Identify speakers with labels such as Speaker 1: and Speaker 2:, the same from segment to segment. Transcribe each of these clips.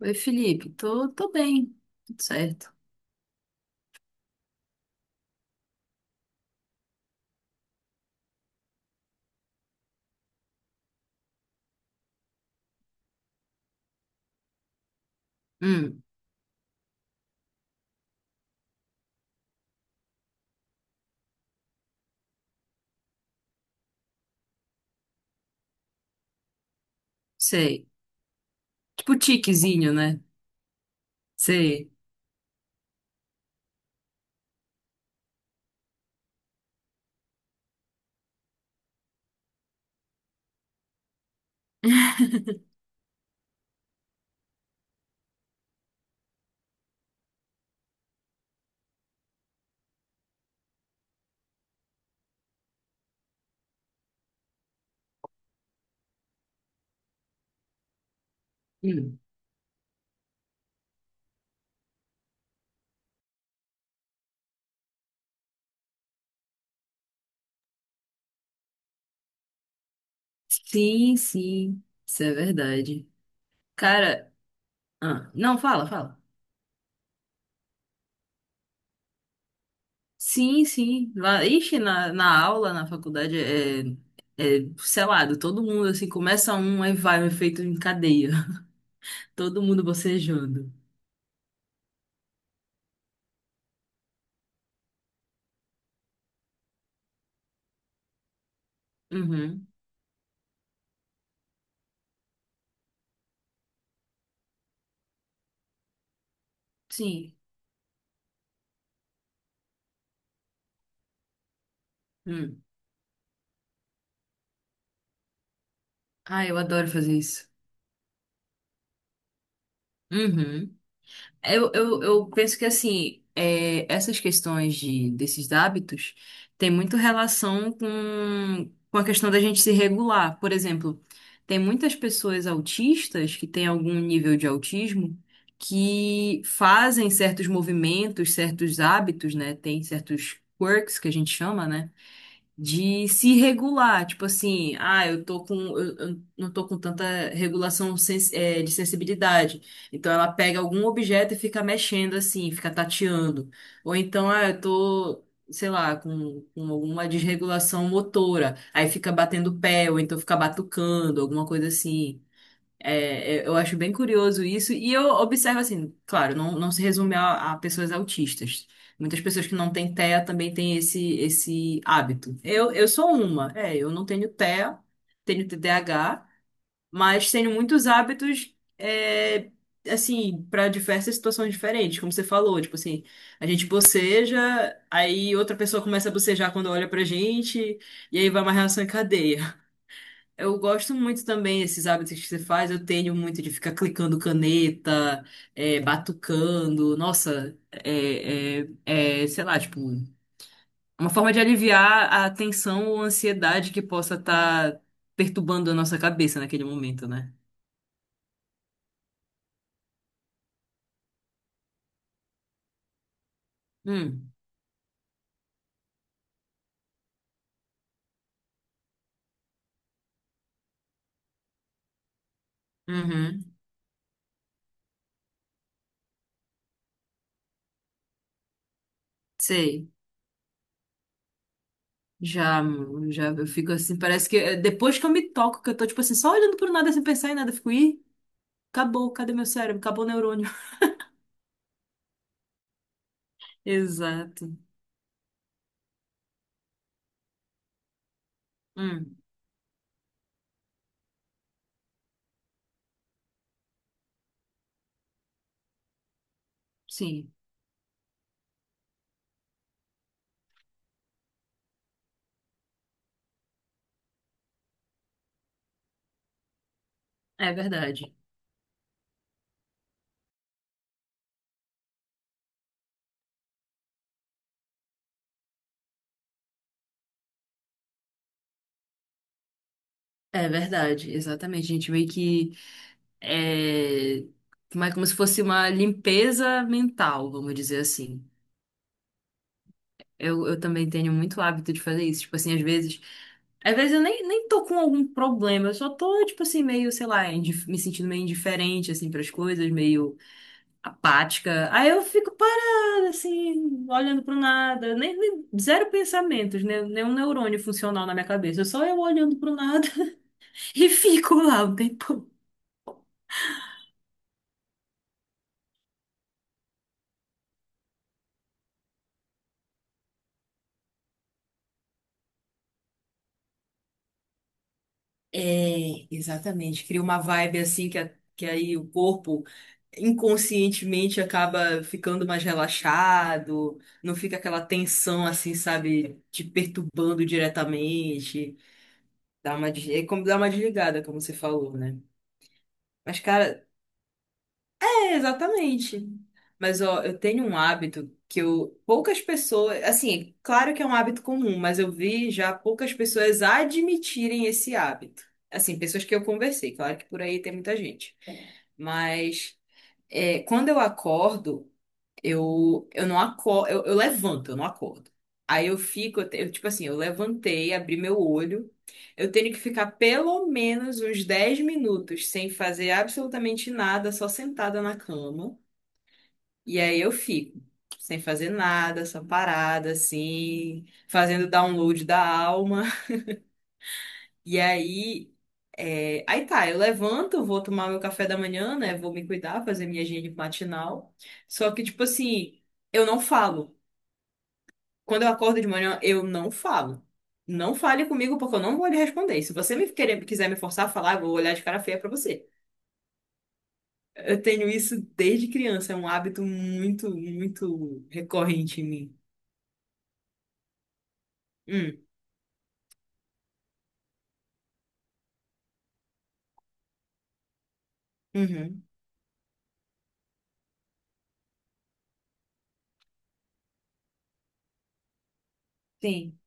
Speaker 1: Oi, Felipe, tô bem, tudo certo. Hum, sei. Tipo tiquezinho, né? Sei. Hum. Sim, sim, isso é verdade. Cara, ah, não, fala, fala. Sim, sim. Lá, ixi, na aula, na faculdade, é selado, todo mundo, assim, começa um, aí vai, um efeito em cadeia. Todo mundo bocejando. Uhum, sim. Hum. Ah, eu adoro fazer isso. Uhum. Eu penso que assim, essas questões desses hábitos têm muito relação com a questão da gente se regular. Por exemplo, tem muitas pessoas autistas que têm algum nível de autismo que fazem certos movimentos, certos hábitos, né? Tem certos quirks que a gente chama, né, de se regular, tipo assim, ah, eu não tô com tanta regulação de sensibilidade. Então ela pega algum objeto e fica mexendo assim, fica tateando. Ou então, ah, eu tô, sei lá, com alguma desregulação motora, aí fica batendo o pé, ou então fica batucando, alguma coisa assim. É, eu acho bem curioso isso, e eu observo assim, claro, não se resume a pessoas autistas. Muitas pessoas que não têm TEA também têm esse hábito. Eu sou uma, eu não tenho TEA, tenho TDAH, mas tenho muitos hábitos, assim, para diversas situações diferentes, como você falou, tipo assim, a gente boceja, aí outra pessoa começa a bocejar quando olha pra gente, e aí vai uma reação em cadeia. Eu gosto muito também desses hábitos que você faz. Eu tenho muito de ficar clicando caneta, batucando. Nossa, sei lá, tipo, uma forma de aliviar a tensão ou ansiedade que possa estar perturbando a nossa cabeça naquele momento, né? Hum, uhum, sei. Já, mano, já eu fico assim, parece que é, depois que eu me toco, que eu tô, tipo assim, só olhando pro nada sem pensar em nada, eu fico, ih, acabou, cadê meu cérebro? Acabou o neurônio. Exato. Hum, sim, é verdade. É verdade, exatamente. A gente meio que é é como se fosse uma limpeza mental, vamos dizer assim. Eu também tenho muito hábito de fazer isso. Tipo assim, às vezes. Às vezes eu nem tô com algum problema, eu só tô, tipo assim, meio, sei lá, me sentindo meio indiferente, assim, pras coisas, meio apática. Aí eu fico parada, assim, olhando pro nada, zero pensamentos, né? Nenhum neurônio funcional na minha cabeça, só eu olhando pro nada e fico lá um tempo. É, exatamente. Cria uma vibe assim que, que aí o corpo inconscientemente acaba ficando mais relaxado, não fica aquela tensão assim, sabe, te perturbando diretamente. É como dar uma desligada, como você falou, né? Mas, cara, exatamente. Mas ó, eu tenho um hábito que eu poucas pessoas, assim, claro que é um hábito comum, mas eu vi já poucas pessoas admitirem esse hábito. Assim, pessoas que eu conversei, claro que por aí tem muita gente. Mas quando eu acordo, eu não acordo, eu levanto, eu não acordo. Aí eu fico, tipo assim, eu levantei, abri meu olho, eu tenho que ficar pelo menos uns 10 minutos sem fazer absolutamente nada, só sentada na cama. E aí eu fico sem fazer nada, só parada, assim, fazendo download da alma. E aí, aí tá, eu levanto, vou tomar meu café da manhã, né? Vou me cuidar, fazer minha higiene matinal. Só que, tipo assim, eu não falo. Quando eu acordo de manhã, eu não falo. Não fale comigo porque eu não vou lhe responder. Se você me querer, quiser me forçar a falar, eu vou olhar de cara feia pra você. Eu tenho isso desde criança, é um hábito muito, muito recorrente em mim. Hum, uhum. Sim,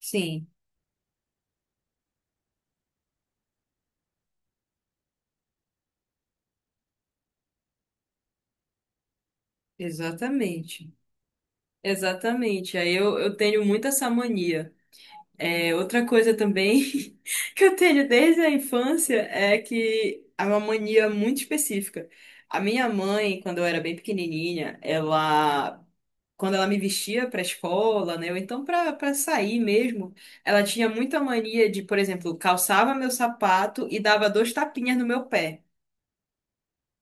Speaker 1: sim, exatamente. Exatamente. Aí eu tenho muito essa mania. É, outra coisa também que eu tenho desde a infância é que é uma mania muito específica. A minha mãe, quando eu era bem pequenininha, ela, quando ela me vestia para escola, né, ou então para sair mesmo, ela tinha muita mania de, por exemplo, calçava meu sapato e dava dois tapinhas no meu pé.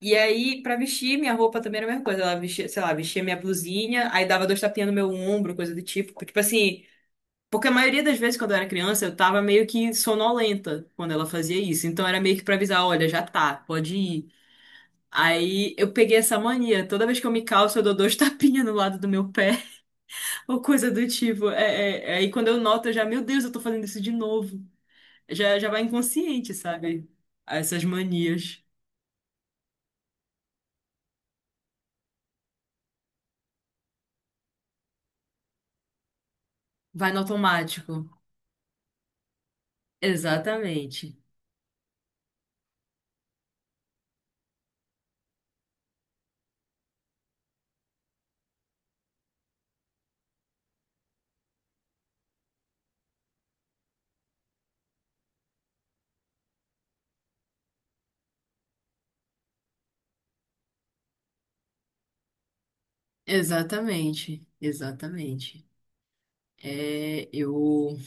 Speaker 1: E aí, pra vestir, minha roupa também era a mesma coisa. Ela vestia, sei lá, vestia minha blusinha, aí dava dois tapinhas no meu ombro, coisa do tipo. Tipo assim, porque a maioria das vezes quando eu era criança, eu tava meio que sonolenta quando ela fazia isso. Então era meio que pra avisar, olha, já tá, pode ir. Aí eu peguei essa mania. Toda vez que eu me calço, eu dou dois tapinhas no lado do meu pé, ou coisa do tipo. Aí quando eu noto, eu já, meu Deus, eu tô fazendo isso de novo. Já, já vai inconsciente, sabe? Essas manias. Vai no automático. Exatamente. Exatamente, exatamente. É, eu,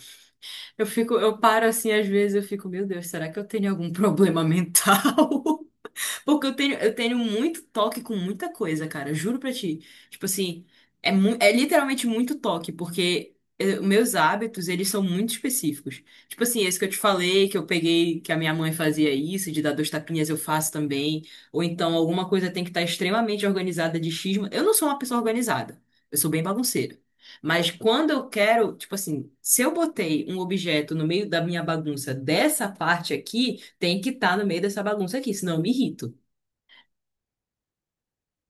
Speaker 1: eu fico, eu paro assim, às vezes eu fico, meu Deus, será que eu tenho algum problema mental? Porque eu tenho muito toque com muita coisa, cara. Juro pra ti. Tipo assim, é, mu é literalmente muito toque, porque meus hábitos, eles são muito específicos. Tipo assim, esse que eu te falei, que eu peguei, que a minha mãe fazia isso, de dar dois tapinhas, eu faço também. Ou então, alguma coisa tem que estar extremamente organizada de xisma. Eu não sou uma pessoa organizada. Eu sou bem bagunceira. Mas quando eu quero, tipo assim, se eu botei um objeto no meio da minha bagunça dessa parte aqui, tem que estar no meio dessa bagunça aqui, senão eu me irrito.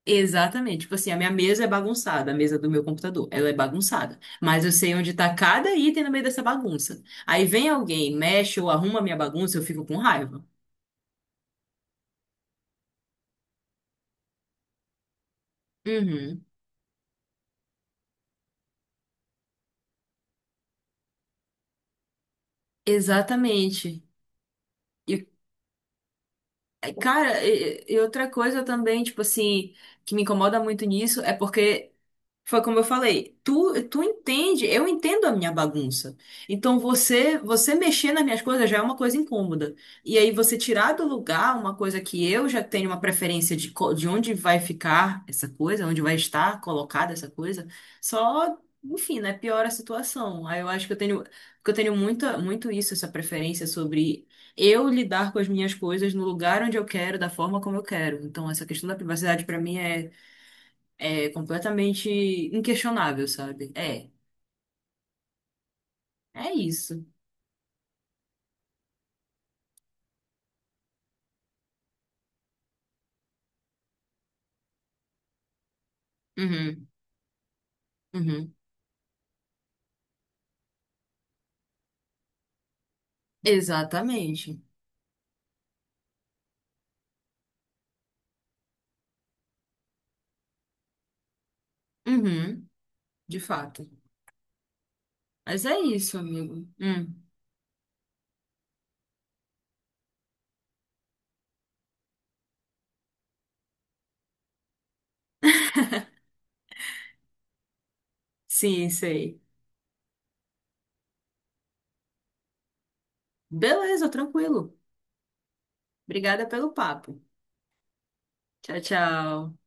Speaker 1: Exatamente. Tipo assim, a minha mesa é bagunçada, a mesa do meu computador, ela é bagunçada. Mas eu sei onde tá cada item no meio dessa bagunça. Aí vem alguém, mexe ou arruma a minha bagunça, eu fico com raiva. Uhum. Exatamente. E, cara, e outra coisa também, tipo assim, que me incomoda muito nisso é porque foi como eu falei, tu entende, eu entendo a minha bagunça. Então você mexer nas minhas coisas já é uma coisa incômoda. E aí você tirar do lugar uma coisa que eu já tenho uma preferência de onde vai ficar essa coisa, onde vai estar colocada essa coisa, só, enfim, né, piora a situação. Aí eu acho que eu tenho muita, muito isso, essa preferência sobre eu lidar com as minhas coisas no lugar onde eu quero, da forma como eu quero. Então essa questão da privacidade para mim é completamente inquestionável, sabe? É, é isso. Uhum, uhum. Exatamente. Uhum, de fato. Mas é isso, amigo. Sim, sei. Beleza, tranquilo. Obrigada pelo papo. Tchau, tchau.